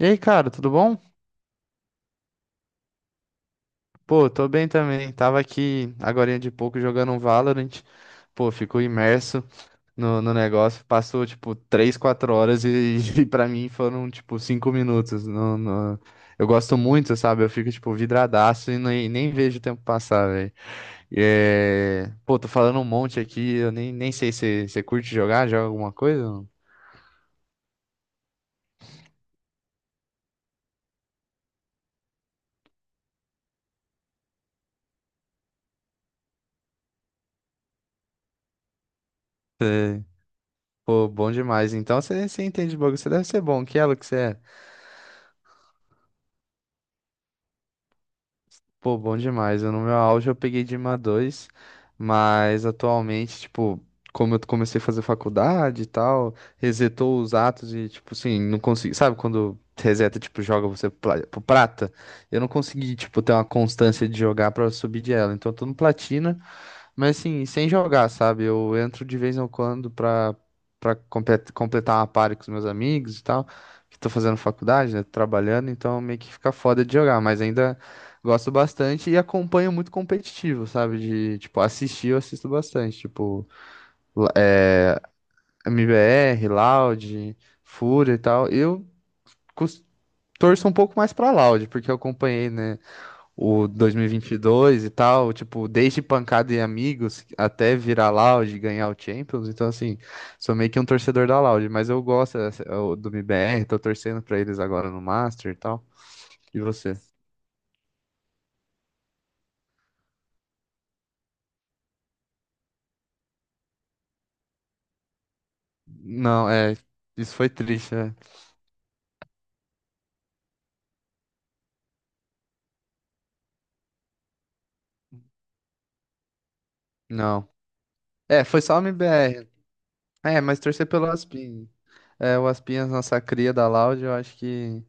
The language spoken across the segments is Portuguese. E aí, cara, tudo bom? Pô, tô bem também. Tava aqui agorinha de pouco jogando um Valorant. Pô, fico imerso no negócio. Passou, tipo, 3, 4 horas e, e pra mim foram, tipo, 5 minutos. Eu gosto muito, sabe? Eu fico, tipo, vidradaço e nem vejo o tempo passar, velho. Pô, tô falando um monte aqui. Eu nem sei se você curte jogar, joga alguma coisa? Sei. Pô, bom demais. Então você entende de bagulho. Você deve ser bom. Que elo que você é? Pô, bom demais. Eu, no meu auge eu peguei Dima dois, mas atualmente, tipo, como eu comecei a fazer faculdade e tal, resetou os atos e, tipo, assim, não consegui. Sabe quando reseta, tipo, joga você pro prata? Eu não consegui, tipo, ter uma constância de jogar pra subir de ela. Então eu tô no platina. Mas assim, sem jogar, sabe? Eu entro de vez em quando pra, pra completar uma party com os meus amigos e tal, que tô fazendo faculdade, né? Trabalhando, então meio que fica foda de jogar, mas ainda gosto bastante e acompanho muito competitivo, sabe? De, tipo, assistir, eu assisto bastante, tipo, la- eh, MBR, Loud, Fúria e tal. Eu cus- torço um pouco mais pra Loud, porque eu acompanhei, né? O 2022 e vinte e dois e tal, tipo, desde Pancada e Amigos até virar Loud e ganhar o Champions. Então, assim, sou meio que um torcedor da Loud, mas eu gosto do MBR, tô torcendo pra eles agora no Master e tal. E você? Não, é, isso foi triste, né? Não. É, foi só o MBR. É, mas torcer pelo Aspin. É, o Aspinhas, nossa cria da Loud, eu acho que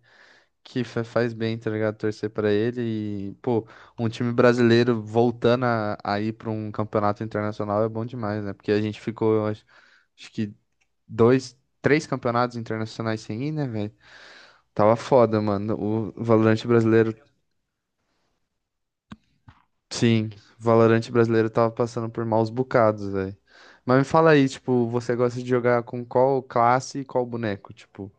que faz bem, tá ligado? Torcer pra ele e, pô, um time brasileiro voltando a ir pra um campeonato internacional é bom demais, né? Porque a gente ficou, eu acho, acho que dois, três campeonatos internacionais sem ir, né, velho? Tava foda, mano. Sim, o Valorante brasileiro tava passando por maus bocados, velho. Mas me fala aí, tipo, você gosta de jogar com qual classe e qual boneco? Tipo,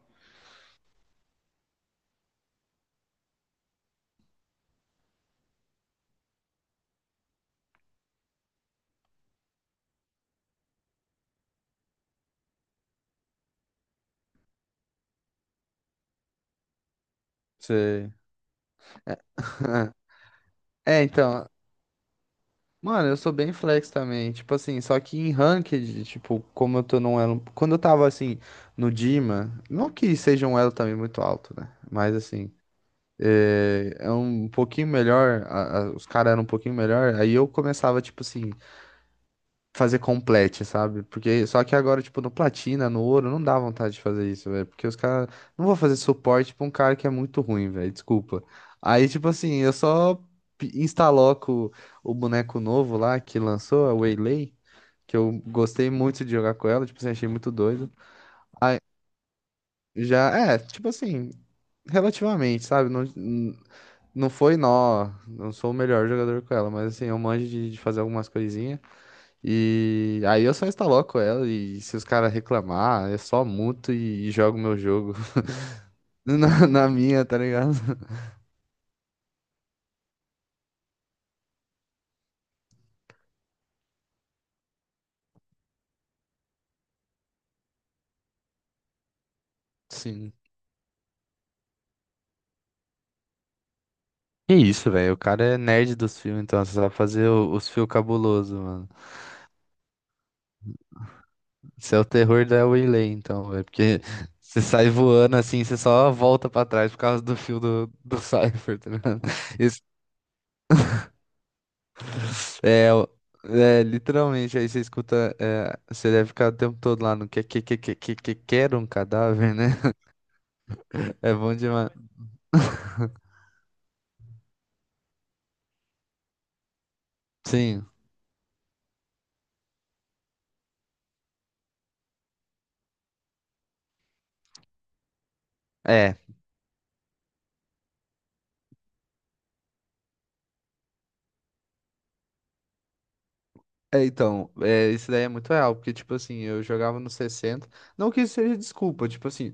você. É, então. Mano, eu sou bem flex também, tipo assim, só que em ranked, tipo, como eu tô num elo, quando eu tava assim no Dima, não que seja um elo também muito alto, né? Mas assim, é, é um pouquinho melhor, os caras eram um pouquinho melhor, aí eu começava tipo assim, fazer complete, sabe? Porque só que agora, tipo, no platina, no ouro, não dá vontade de fazer isso, velho. Porque os caras não vou fazer suporte pra um cara que é muito ruim, velho. Desculpa. Aí, tipo assim, eu só instaloco o boneco novo lá que lançou, a Waylay, que eu gostei muito de jogar com ela, tipo assim, achei muito doido. Aí já, é, tipo assim, relativamente, sabe? Não foi nó, não sou o melhor jogador com ela, mas assim, eu manjo de fazer algumas coisinhas. E aí eu só instaloco ela e se os caras reclamar, eu só muto e jogo meu jogo na minha, tá ligado? Sim. Que isso, velho. O cara é nerd dos fios, então você sabe fazer os fios cabuloso, mano. Você é o terror da Waylay, então, velho. Porque você sai voando assim, você só volta pra trás por causa do fio do Cypher, tá ligado? Isso é, o- é literalmente, aí você escuta, é, você deve ficar o tempo todo lá no que quer um cadáver, né? É bom demais. Sim, é. É, então, é, isso daí é muito real, porque, tipo assim, eu jogava no 60, não que isso seja desculpa, tipo assim,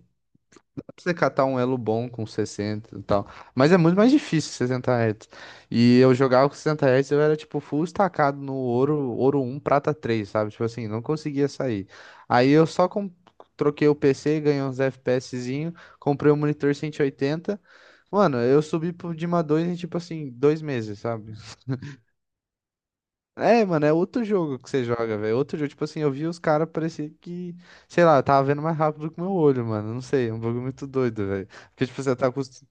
dá pra você catar um elo bom com 60 e tal, mas é muito mais difícil 60 Hz. E eu jogava com 60 Hz, eu era, tipo, full estacado no ouro, ouro um prata três, sabe? Tipo assim, não conseguia sair. Aí eu só troquei o PC, ganhei uns FPSzinho, comprei um monitor 180, mano, eu subi pro Dima 2 em, tipo assim, 2 meses, sabe? É, mano, é outro jogo que você joga, velho. Outro jogo, tipo assim, eu vi os caras, parecia que, sei lá, eu tava vendo mais rápido que o meu olho, mano. Não sei, é um bagulho muito doido, velho. Porque, tipo,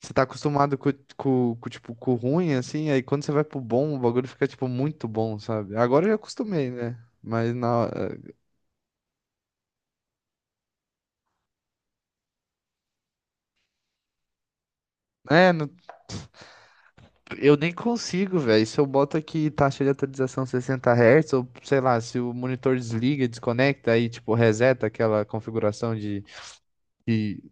você tá acostumado com, tipo, com o ruim, assim, aí quando você vai pro bom, o bagulho fica, tipo, muito bom, sabe? Agora eu já acostumei, né? Mas na. É, no- eu nem consigo, velho. Se eu boto aqui taxa de atualização 60 Hz, ou sei lá, se o monitor desliga, desconecta, aí, tipo, reseta aquela configuração e,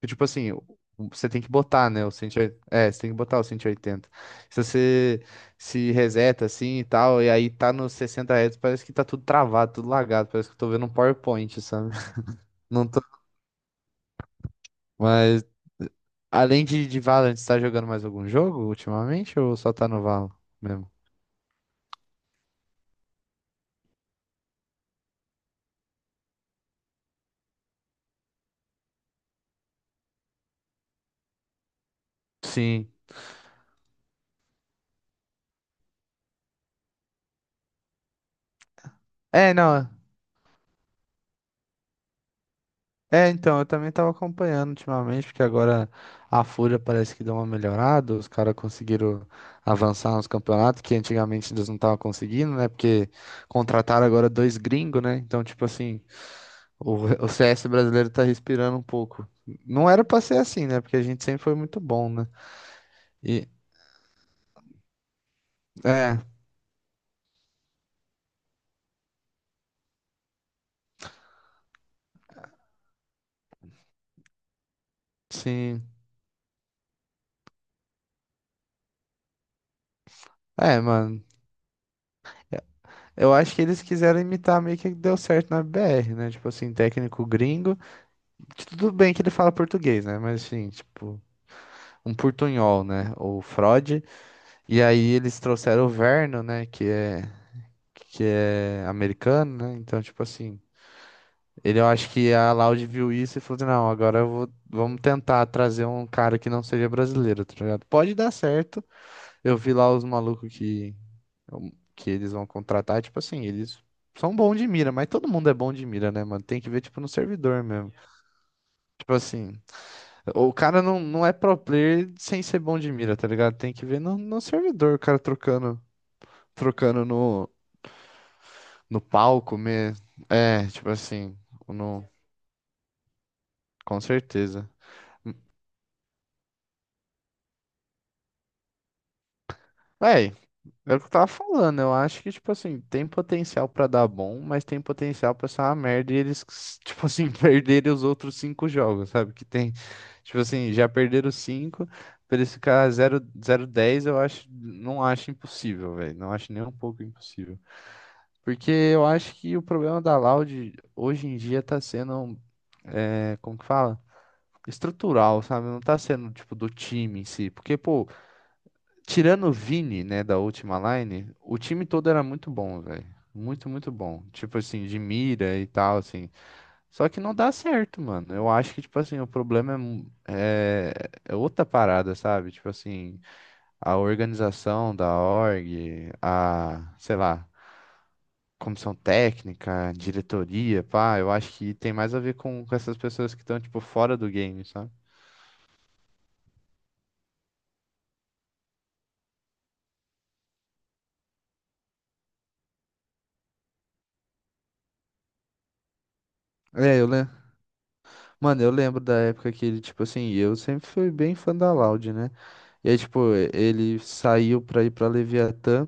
que, tipo assim, você tem que botar, né, o 180, é, você tem que botar o 180. Se você se reseta assim e tal, e aí tá nos 60 Hz, parece que tá tudo travado, tudo lagado, parece que eu tô vendo um PowerPoint, sabe? Não tô... Mas, além de Valorant, você tá jogando mais algum jogo ultimamente ou só tá no Valorant mesmo? Sim. É, não. É, então, eu também tava acompanhando ultimamente, porque agora a Fúria parece que deu uma melhorada, os caras conseguiram avançar nos campeonatos, que antigamente eles não estavam conseguindo, né? Porque contrataram agora 2 gringos, né? Então, tipo assim, o, o CS brasileiro tá respirando um pouco. Não era pra ser assim, né? Porque a gente sempre foi muito bom, né? E, é, sim. É, mano, eu acho que eles quiseram imitar meio que deu certo na BR, né? Tipo assim, técnico gringo. Tudo bem que ele fala português, né? Mas assim, tipo, um portunhol, né? O Freud. E aí eles trouxeram o Verno, né? Que é americano, né? Então, tipo assim. Ele, eu acho que a Laude viu isso e falou assim, não, agora eu vou, vamos tentar trazer um cara que não seja brasileiro, tá ligado? Pode dar certo. Eu vi lá os malucos que eles vão contratar, tipo assim, eles são bons de mira, mas todo mundo é bom de mira, né, mano? Tem que ver, tipo, no servidor mesmo. Tipo assim, o cara não, não é pro player sem ser bom de mira, tá ligado? Tem que ver no servidor, o cara trocando, trocando no palco mesmo. É, tipo assim, no, com certeza. Véi, era o que eu tava falando, eu acho que, tipo assim, tem potencial pra dar bom, mas tem potencial pra ser uma merda e eles, tipo assim, perderem os outros 5 jogos, sabe? Que tem, tipo assim, já perderam 5, pra eles ficar 0-0-10, eu acho, não acho impossível, velho. Não acho nem um pouco impossível. Porque eu acho que o problema da Loud hoje em dia tá sendo, é, como que fala? Estrutural, sabe? Não tá sendo, tipo, do time em si. Porque, pô, tirando o Vini, né, da última line, o time todo era muito bom, velho. Muito, muito bom. Tipo assim, de mira e tal, assim. Só que não dá certo, mano. Eu acho que, tipo assim, o problema é, é outra parada, sabe? Tipo assim, a organização da org, a, sei lá, comissão técnica, diretoria, pá. Eu acho que tem mais a ver com essas pessoas que estão, tipo, fora do game, sabe? É, eu lembro. Mano, eu lembro da época que ele, tipo assim, eu sempre fui bem fã da Loud, né? E aí, tipo, ele saiu pra ir pra Leviatã.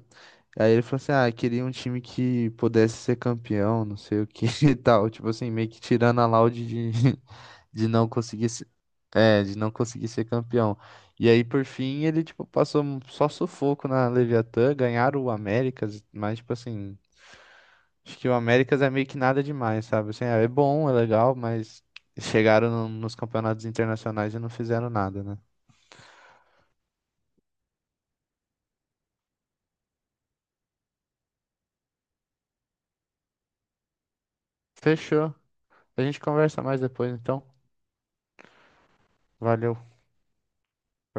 Aí ele falou assim: ah, queria um time que pudesse ser campeão, não sei o que e tal. Tipo assim, meio que tirando a laude de, de não conseguir se- de não conseguir ser campeão. E aí, por fim, ele, tipo, passou só sufoco na Leviatã, ganharam o Américas, mas, tipo assim, acho que o Américas é meio que nada demais, sabe? Assim, é bom, é legal, mas chegaram nos campeonatos internacionais e não fizeram nada, né? Fechou. A gente conversa mais depois, então. Valeu.